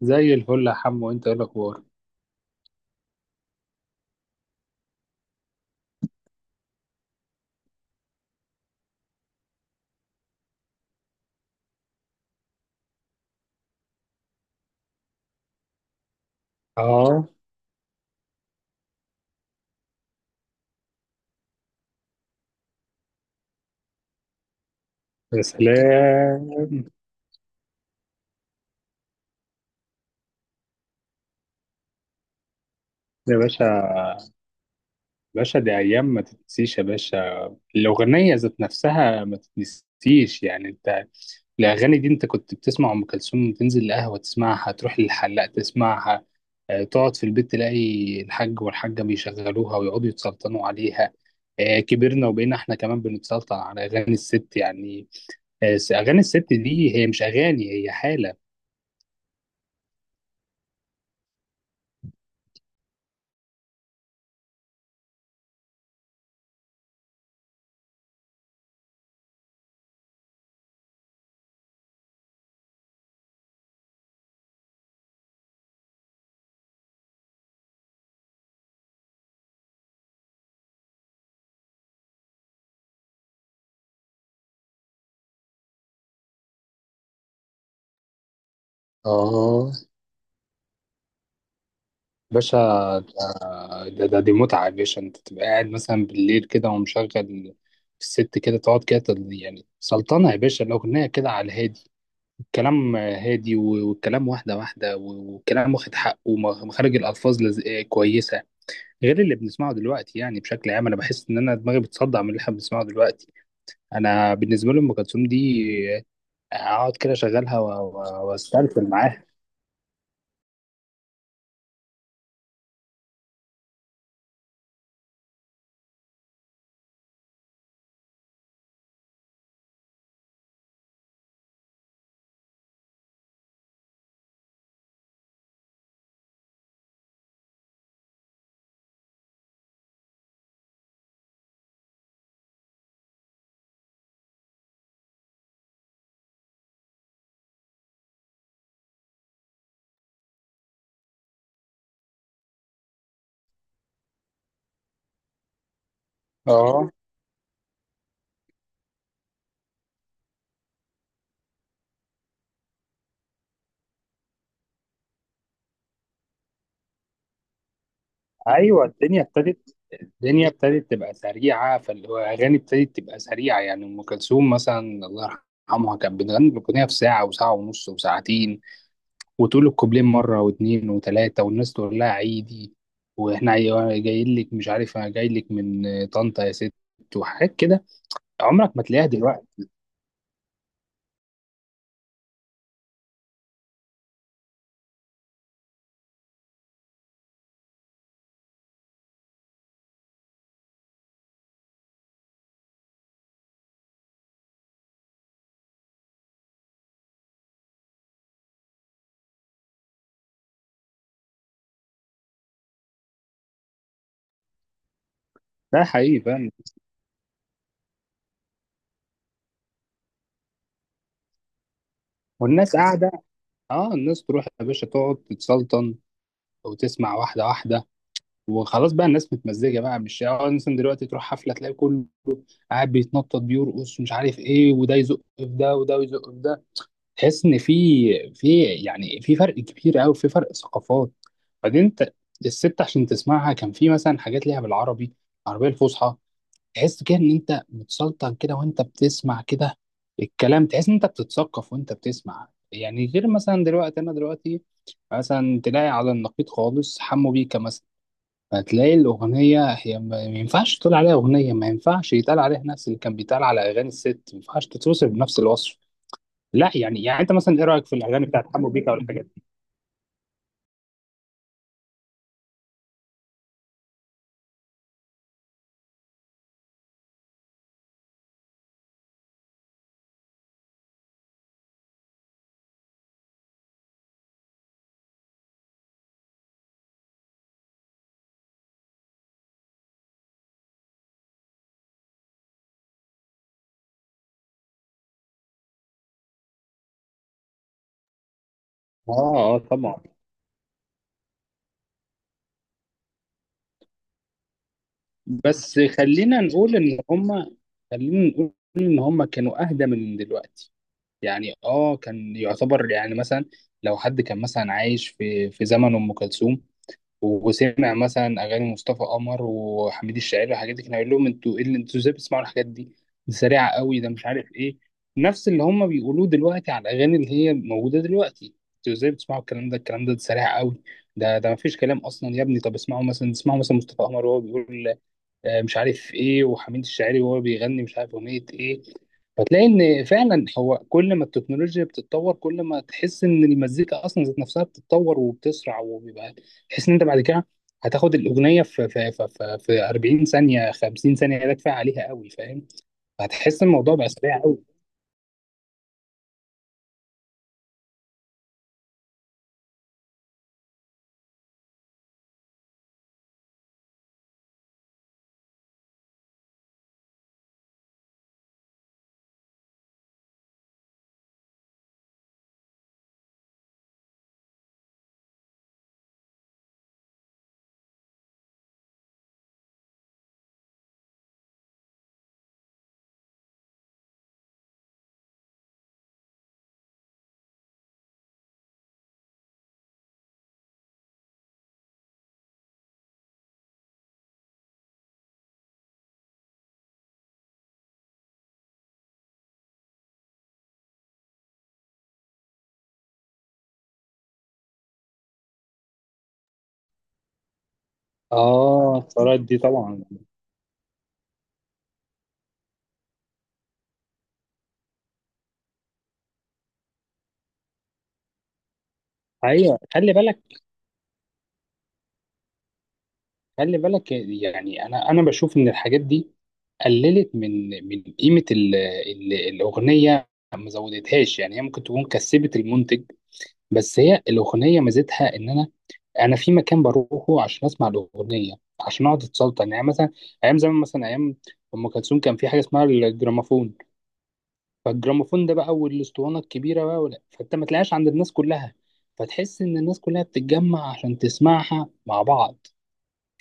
زي الفل يا حمو، انت ايه الاخبار؟ اه. يا سلام. يا باشا، باشا دي ايام ما تتنسيش يا باشا. الاغنيه ذات نفسها ما تتنسيش. انت الاغاني دي انت كنت بتسمع ام كلثوم، تنزل القهوه تسمعها، تروح للحلاق تسمعها، تقعد في البيت تلاقي الحاج والحاجه بيشغلوها ويقعدوا يتسلطنوا عليها. كبرنا وبقينا احنا كمان بنتسلطن على اغاني الست. اغاني الست دي هي مش اغاني، هي حاله. اه. باشا، ده دي متعة يا باشا. انت تبقى قاعد مثلا بالليل كده ومشغل الست، كده تقعد كده سلطنة يا باشا. الأغنية كده على الهادي، الكلام هادي والكلام واحدة واحدة والكلام واخد حقه، ومخارج الألفاظ لز... آه، كويسة، غير اللي بنسمعه دلوقتي. بشكل عام أنا بحس إن أنا دماغي بتصدع من اللي احنا بنسمعه دلوقتي. أنا بالنسبة لي أم كلثوم دي، أقعد كده أشغلها وأستلفل معاها. اه. ايوه، الدنيا ابتدت، الدنيا ابتدت تبقى سريعه، فاللي هو اغاني ابتدت تبقى سريعه. يعني ام كلثوم مثلا، الله يرحمها، كانت بتغني الاغنيه في ساعه وساعه ونص وساعتين، وتقول الكوبلين مره واثنين وثلاثه، والناس تقول لها عيدي، واحنا جايين لك، مش عارف انا جاي لك من طنطا يا ست وحاجات كده. عمرك ما تلاقيها دلوقتي. ده حقيقي، فاهم. والناس قاعده. اه، الناس تروح يا باشا تقعد تتسلطن وتسمع واحده واحده. وخلاص بقى الناس متمزجه بقى، مش يعني اه مثلا دلوقتي تروح حفله تلاقي كله قاعد بيتنطط بيرقص ومش عارف ايه، وده يزق في ده وده يزق في ده. تحس ان في، يعني في فرق كبير قوي، في فرق ثقافات. بعدين انت الست عشان تسمعها كان في مثلا حاجات ليها بالعربي، العربيه الفصحى، تحس كده ان انت متسلطن كده وانت بتسمع كده الكلام، تحس ان انت بتتثقف وانت بتسمع. غير مثلا دلوقتي، انا دلوقتي مثلا تلاقي على النقيض خالص حمو بيكا مثلا. هتلاقي الأغنية هي ما ينفعش تقول عليها أغنية، ما ينفعش يتقال عليها نفس اللي كان بيتقال على أغاني الست، ما ينفعش تتوصف بنفس الوصف. لا يعني أنت مثلا إيه رأيك في الأغاني بتاعت حمو بيكا والحاجات دي؟ اه اه، طبعا. بس خلينا نقول إن هما، خلينا نقول إن هما كانوا أهدى من دلوقتي. يعني آه، كان يعتبر. يعني مثلا لو حد كان مثلا عايش في زمن أم كلثوم، وسمع مثلا اغاني مصطفى قمر وحميد الشاعري والحاجات دي، كان هيقول لهم انتوا ايه اللي انتوا ازاي بتسمعوا الحاجات دي؟ دي سريعه قوي، ده مش عارف ايه. نفس اللي هم بيقولوه دلوقتي على الاغاني اللي هي موجوده دلوقتي: انتوا ازاي بتسمعوا الكلام ده؟ الكلام ده سريع قوي. ده مفيش كلام اصلا يا ابني. طب اسمعوا مثلا، مصطفى قمر وهو بيقول مش عارف ايه، وحميد الشاعري وهو بيغني مش عارف اغنيه ايه. فتلاقي ان فعلا هو كل ما التكنولوجيا بتتطور، كل ما تحس ان المزيكا اصلا ذات نفسها بتتطور وبتسرع وبيبقى. تحس ان انت بعد كده هتاخد الاغنيه في 40 ثانيه، 50 ثانيه ده كفايه عليها قوي، فاهم. هتحس الموضوع بقى سريع قوي. اه، القرارات دي طبعا. ايوه، خلي بالك، يعني انا بشوف ان الحاجات دي قللت من قيمه ال الاغنيه، ما زودتهاش. يعني هي ممكن تكون كسبت المنتج، بس هي الاغنيه ميزتها ان انا في مكان بروحه عشان اسمع الاغنيه، عشان اقعد اتسلطن. يعني مثلا ايام زمان مثلا، ايام ام كلثوم، كان في حاجه اسمها الجراموفون. فالجراموفون ده بقى والاسطوانه الكبيره بقى ولا، فانت ما تلاقيهاش عند الناس كلها، فتحس ان الناس كلها بتتجمع عشان تسمعها مع بعض.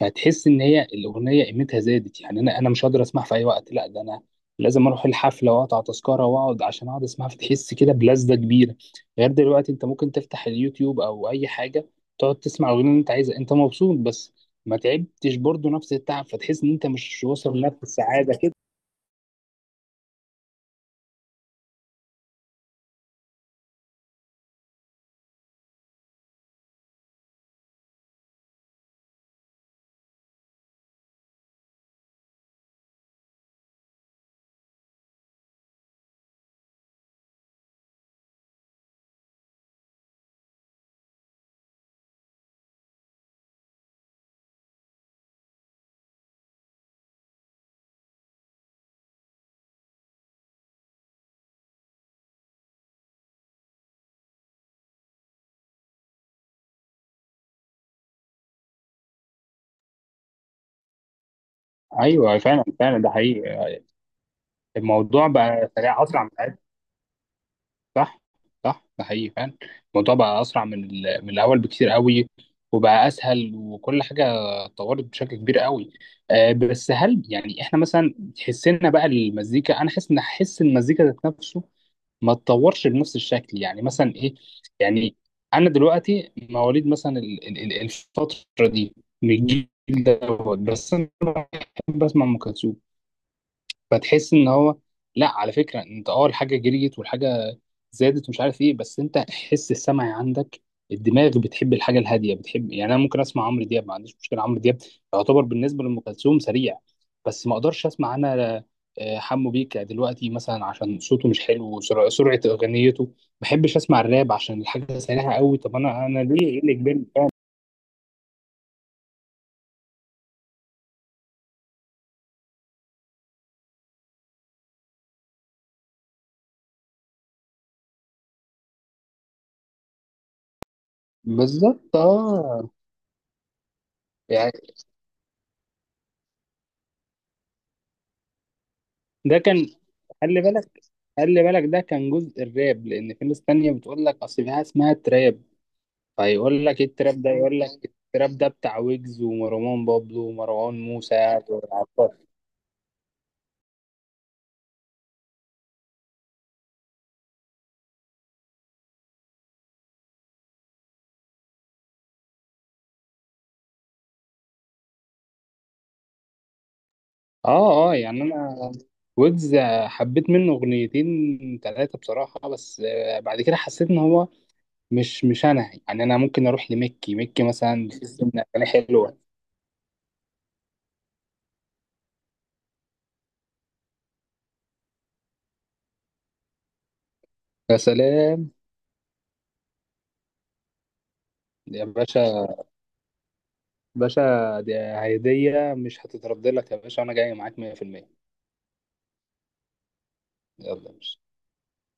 فهتحس ان هي الاغنيه قيمتها زادت. يعني انا مش هقدر اسمعها في اي وقت، لا ده انا لازم اروح الحفله واقطع تذكره واقعد عشان اقعد اسمعها، فتحس كده بلذه كبيره. غير دلوقتي انت ممكن تفتح اليوتيوب او اي حاجه تقعد تسمع الاغنيه اللي انت عايزها، انت مبسوط بس ما تعبتش برضه نفس التعب، فتحس ان انت مش واصل لنفس السعاده كده. ايوه فعلا، فعلا، ده حقيقي. الموضوع بقى سريع اسرع من، صح، صح، ده حقيقي فعلا. الموضوع بقى اسرع من من الاول بكتير قوي، وبقى اسهل، وكل حاجه اتطورت بشكل كبير قوي. آه، بس هل يعني احنا مثلا تحسنا بقى المزيكا؟ انا حاسس ان حس المزيكا ذات نفسه ما اتطورش بنفس الشكل. يعني مثلا ايه؟ يعني انا دلوقتي مواليد مثلا الفتره دي، من الجيل دوت، بس انا بحب اسمع ام كلثوم. فتحس ان هو، لا على فكره انت، اه الحاجه جريت والحاجه زادت ومش عارف ايه، بس انت حس السمعي عندك، الدماغ بتحب الحاجه الهاديه بتحب. يعني انا ممكن اسمع عمرو دياب، ما عنديش مشكله، عمرو دياب يعتبر بالنسبه لام كلثوم سريع، بس ما اقدرش اسمع انا حمو بيكا دلوقتي مثلا عشان صوته مش حلو سرعة اغنيته. ما بحبش اسمع الراب عشان الحاجه سريعه قوي. طب انا، ليه ايه اللي كبرني؟ بالظبط اه. يعني ده كان، خلي بالك، ده كان جزء الراب، لان في ناس تانية بتقول لك اصل في حاجه اسمها تراب. فيقول لك ايه التراب ده؟ يقول لك التراب ده بتاع ويجز ومروان بابلو ومروان موسى وعفار. اه اه. يعني انا ويجز حبيت منه اغنيتين ثلاثه بصراحه، بس بعد كده حسيت ان هو مش انا. يعني انا ممكن اروح لميكي، ميكي مثلا بتحس ان اغاني حلوه. يا سلام يا باشا. باشا، دي هدية مش هتترد لك يا باشا، أنا جاي معاك 100%. يلا يا باشا.